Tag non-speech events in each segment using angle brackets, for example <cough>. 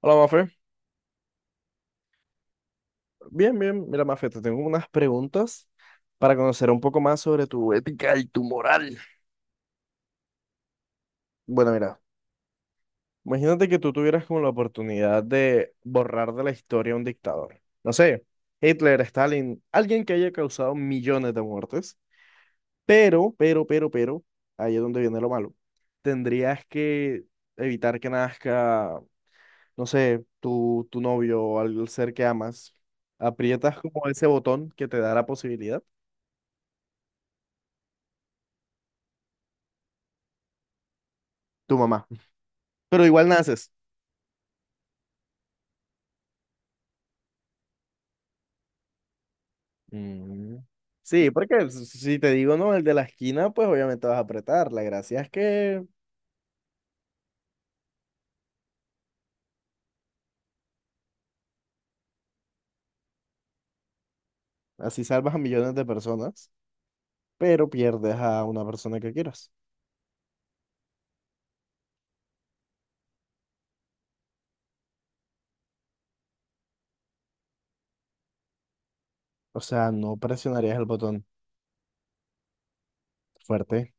Hola, Mafe. Bien, bien. Mira, Mafe, te tengo unas preguntas para conocer un poco más sobre tu ética y tu moral. Bueno, mira, imagínate que tú tuvieras como la oportunidad de borrar de la historia a un dictador. No sé, Hitler, Stalin, alguien que haya causado millones de muertes. Pero, ahí es donde viene lo malo. Tendrías que evitar que nazca, no sé, tu novio o al ser que amas. Aprietas como ese botón que te da la posibilidad, tu mamá, pero igual naces. Mm, Sí, porque si te digo no, el de la esquina, pues obviamente vas a apretar. La gracia es que así salvas a millones de personas, pero pierdes a una persona que quieras. O sea, no presionarías el botón. Fuerte,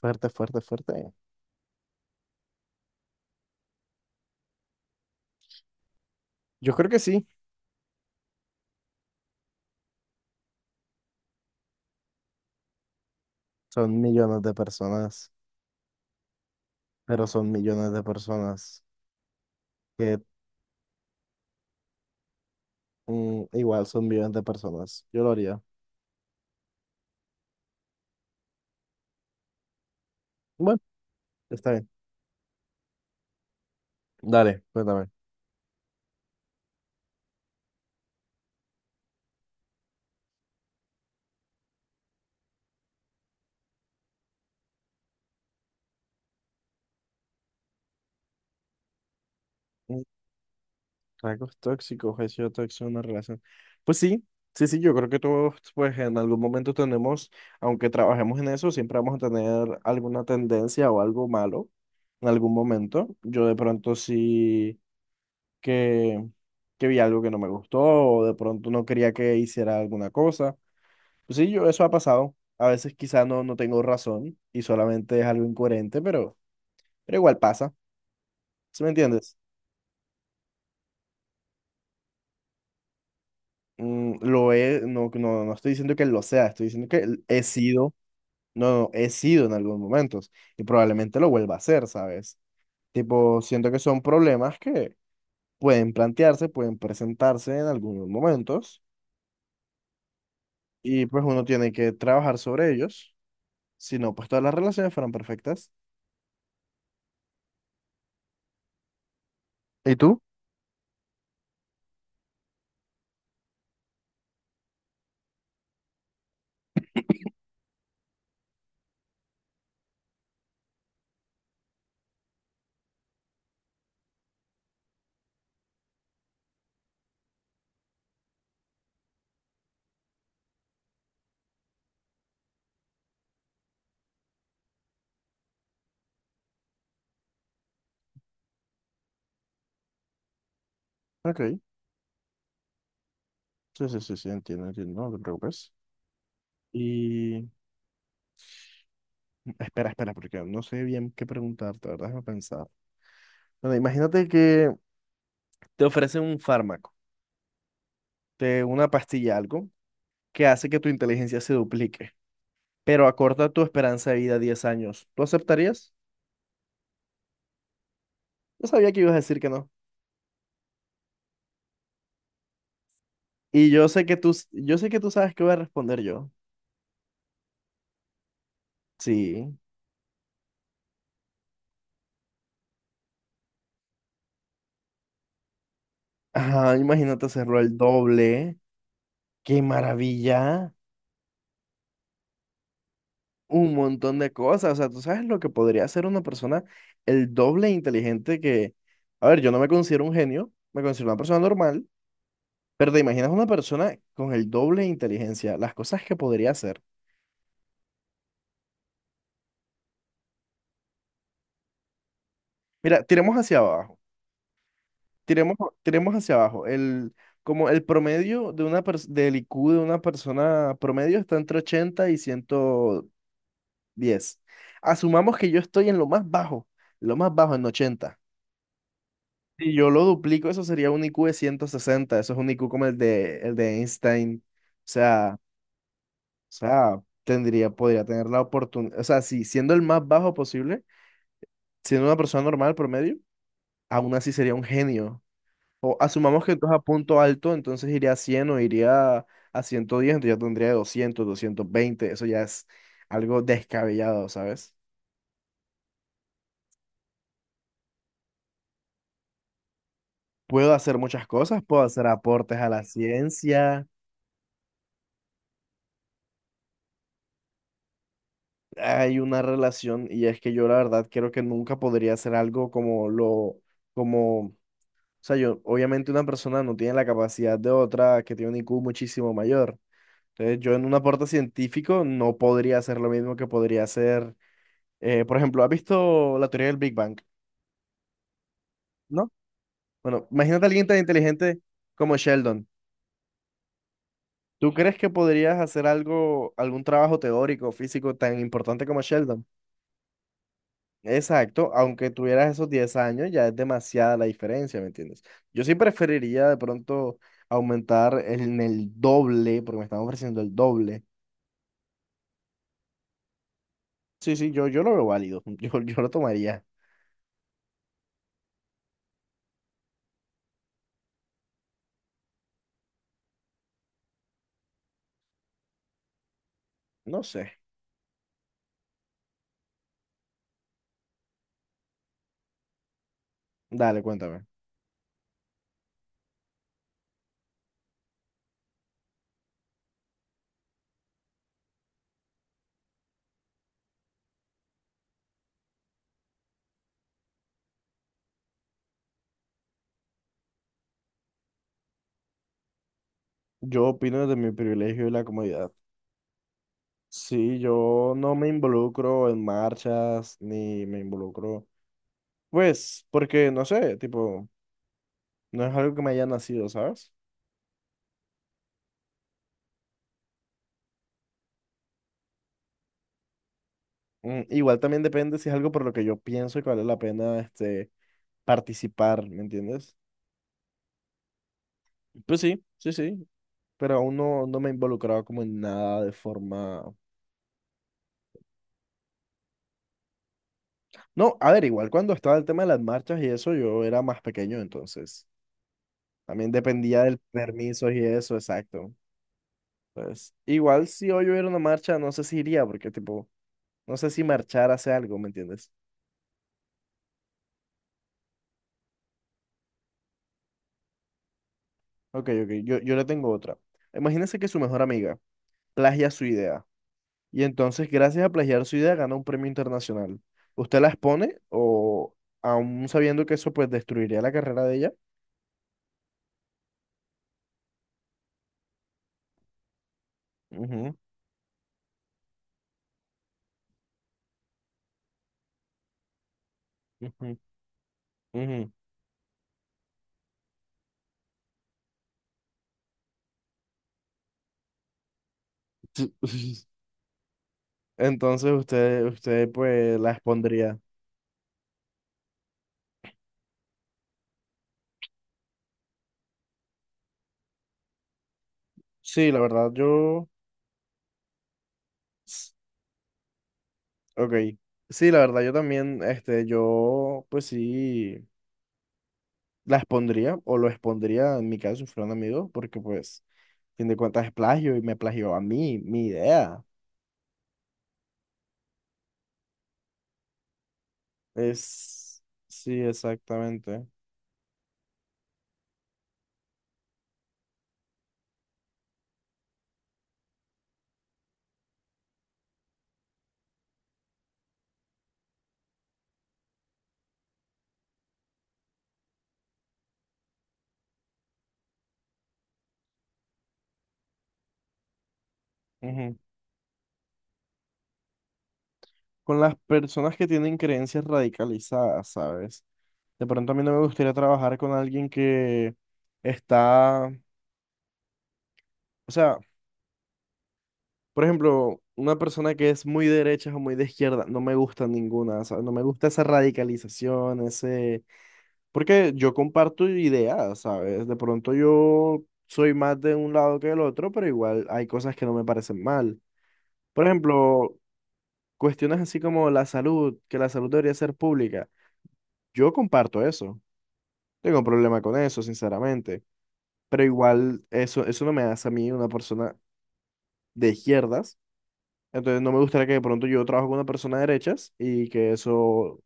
fuerte, fuerte, fuerte. Yo creo que sí. Son millones de personas, pero son millones de personas que igual son millones de personas. Yo lo haría. Bueno, está bien. Dale, cuéntame. Rasgos tóxicos, he sido tóxico en una relación. Pues sí, sí, sí, yo creo que todos, pues en algún momento tenemos, aunque trabajemos en eso, siempre vamos a tener alguna tendencia o algo malo en algún momento. Yo de pronto sí que, que vi algo que no me gustó o de pronto no quería que hiciera alguna cosa. Pues sí, yo, eso ha pasado. A veces quizá no tengo razón y solamente es algo incoherente, pero igual pasa. ¿Sí me entiendes? No, no, no estoy diciendo que lo sea, estoy diciendo que he sido, no, no, he sido en algunos momentos y probablemente lo vuelva a hacer, ¿sabes? Tipo, siento que son problemas que pueden plantearse, pueden presentarse en algunos momentos y pues uno tiene que trabajar sobre ellos, si no, pues todas las relaciones fueran perfectas. ¿Y tú? Ok, sí, sí, sí, sí, entiendo, entiendo, no te preocupes. Y espera, espera, porque no sé bien qué preguntarte, ¿verdad? Déjame pensar. Bueno, imagínate que te ofrecen un fármaco, de una pastilla, algo, que hace que tu inteligencia se duplique, pero acorta tu esperanza de vida a 10 años. ¿Tú aceptarías? Yo sabía que ibas a decir que no. Y yo sé que tú, yo sé que tú sabes qué voy a responder yo. Sí. Ajá, imagínate hacerlo el doble. ¡Qué maravilla! Un montón de cosas. O sea, tú sabes lo que podría hacer una persona el doble inteligente que... A ver, yo no me considero un genio, me considero una persona normal, pero te imaginas una persona con el doble de inteligencia, las cosas que podría hacer. Mira, tiremos hacia abajo. Tiremos, tiremos hacia abajo. Como el promedio de una del IQ de una persona promedio está entre 80 y 110. Asumamos que yo estoy en lo más bajo en 80. Si yo lo duplico, eso sería un IQ de 160. Eso es un IQ como el de Einstein. O sea, tendría, podría tener la oportunidad. O sea, si siendo el más bajo posible, siendo una persona normal promedio, aún así sería un genio. O asumamos que tú es a punto alto, entonces iría a 100 o iría a 110, entonces ya tendría 220. Eso ya es algo descabellado, ¿sabes? Puedo hacer muchas cosas, puedo hacer aportes a la ciencia, hay una relación y es que yo la verdad creo que nunca podría hacer algo o sea, yo, obviamente una persona no tiene la capacidad de otra que tiene un IQ muchísimo mayor. Entonces yo en un aporte científico no podría hacer lo mismo que podría hacer. Por ejemplo, ¿has visto la teoría del Big Bang? ¿No? Bueno, imagínate a alguien tan inteligente como Sheldon. ¿Tú crees que podrías hacer algo, algún trabajo teórico, físico tan importante como Sheldon? Exacto, aunque tuvieras esos 10 años, ya es demasiada la diferencia, ¿me entiendes? Yo sí preferiría de pronto aumentar en el doble, porque me están ofreciendo el doble. Sí, sí, yo lo veo válido, <laughs> yo lo tomaría. No sé. Dale, cuéntame. Yo opino desde mi privilegio y la comodidad. Sí, yo no me involucro en marchas ni me involucro, pues, porque no sé, tipo, no es algo que me haya nacido, ¿sabes? Igual también depende si es algo por lo que yo pienso y que vale la pena, este, participar, ¿me entiendes? Pues sí, sí, sí, pero aún no me he involucrado como en nada de forma... No, a ver, igual cuando estaba el tema de las marchas y eso, yo era más pequeño, entonces, también dependía del permiso y eso, exacto. Pues igual si hoy hubiera una marcha, no sé si iría, porque tipo, no sé si marchar hace algo, ¿me entiendes? Ok, ok, yo le tengo otra. Imagínense que su mejor amiga plagia su idea y entonces gracias a plagiar su idea gana un premio internacional. ¿Usted la expone o aún sabiendo que eso pues destruiría la carrera de ella? Ujú, ujú, ujú. <laughs> Entonces usted pues la expondría. Sí, la verdad, yo... Ok. Sí, la verdad, yo también, este, yo, pues sí, la expondría o lo expondría en mi caso si fuera un amigo, porque pues, fin de cuentas es plagio y me plagió a mí, mi idea. Es, sí, exactamente. Ujú. Con las personas que tienen creencias radicalizadas, ¿sabes? De pronto a mí no me gustaría trabajar con alguien que está, o sea, por ejemplo, una persona que es muy de derecha o muy de izquierda, no me gusta ninguna, ¿sabes? No me gusta esa radicalización, ese... Porque yo comparto ideas, ¿sabes? De pronto yo soy más de un lado que del otro, pero igual hay cosas que no me parecen mal. Por ejemplo, cuestiones así como la salud, que la salud debería ser pública. Yo comparto eso. Tengo un problema con eso, sinceramente. Pero igual eso, no me hace a mí una persona de izquierdas. Entonces no me gustaría que de pronto yo trabajo con una persona de derechas y que eso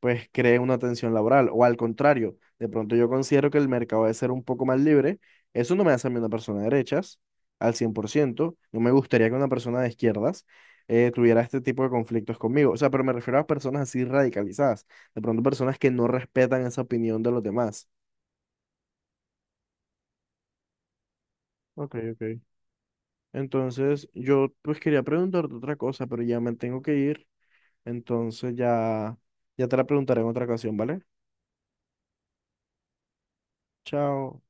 pues cree una tensión laboral. O al contrario, de pronto yo considero que el mercado debe ser un poco más libre. Eso no me hace a mí una persona de derechas al 100%. No me gustaría que una persona de izquierdas tuviera este tipo de conflictos conmigo. O sea, pero me refiero a personas así radicalizadas. De pronto personas que no respetan esa opinión de los demás. Ok, ok. Entonces, yo pues quería preguntarte otra cosa, pero ya me tengo que ir. Entonces ya, ya te la preguntaré en otra ocasión, ¿vale? Chao.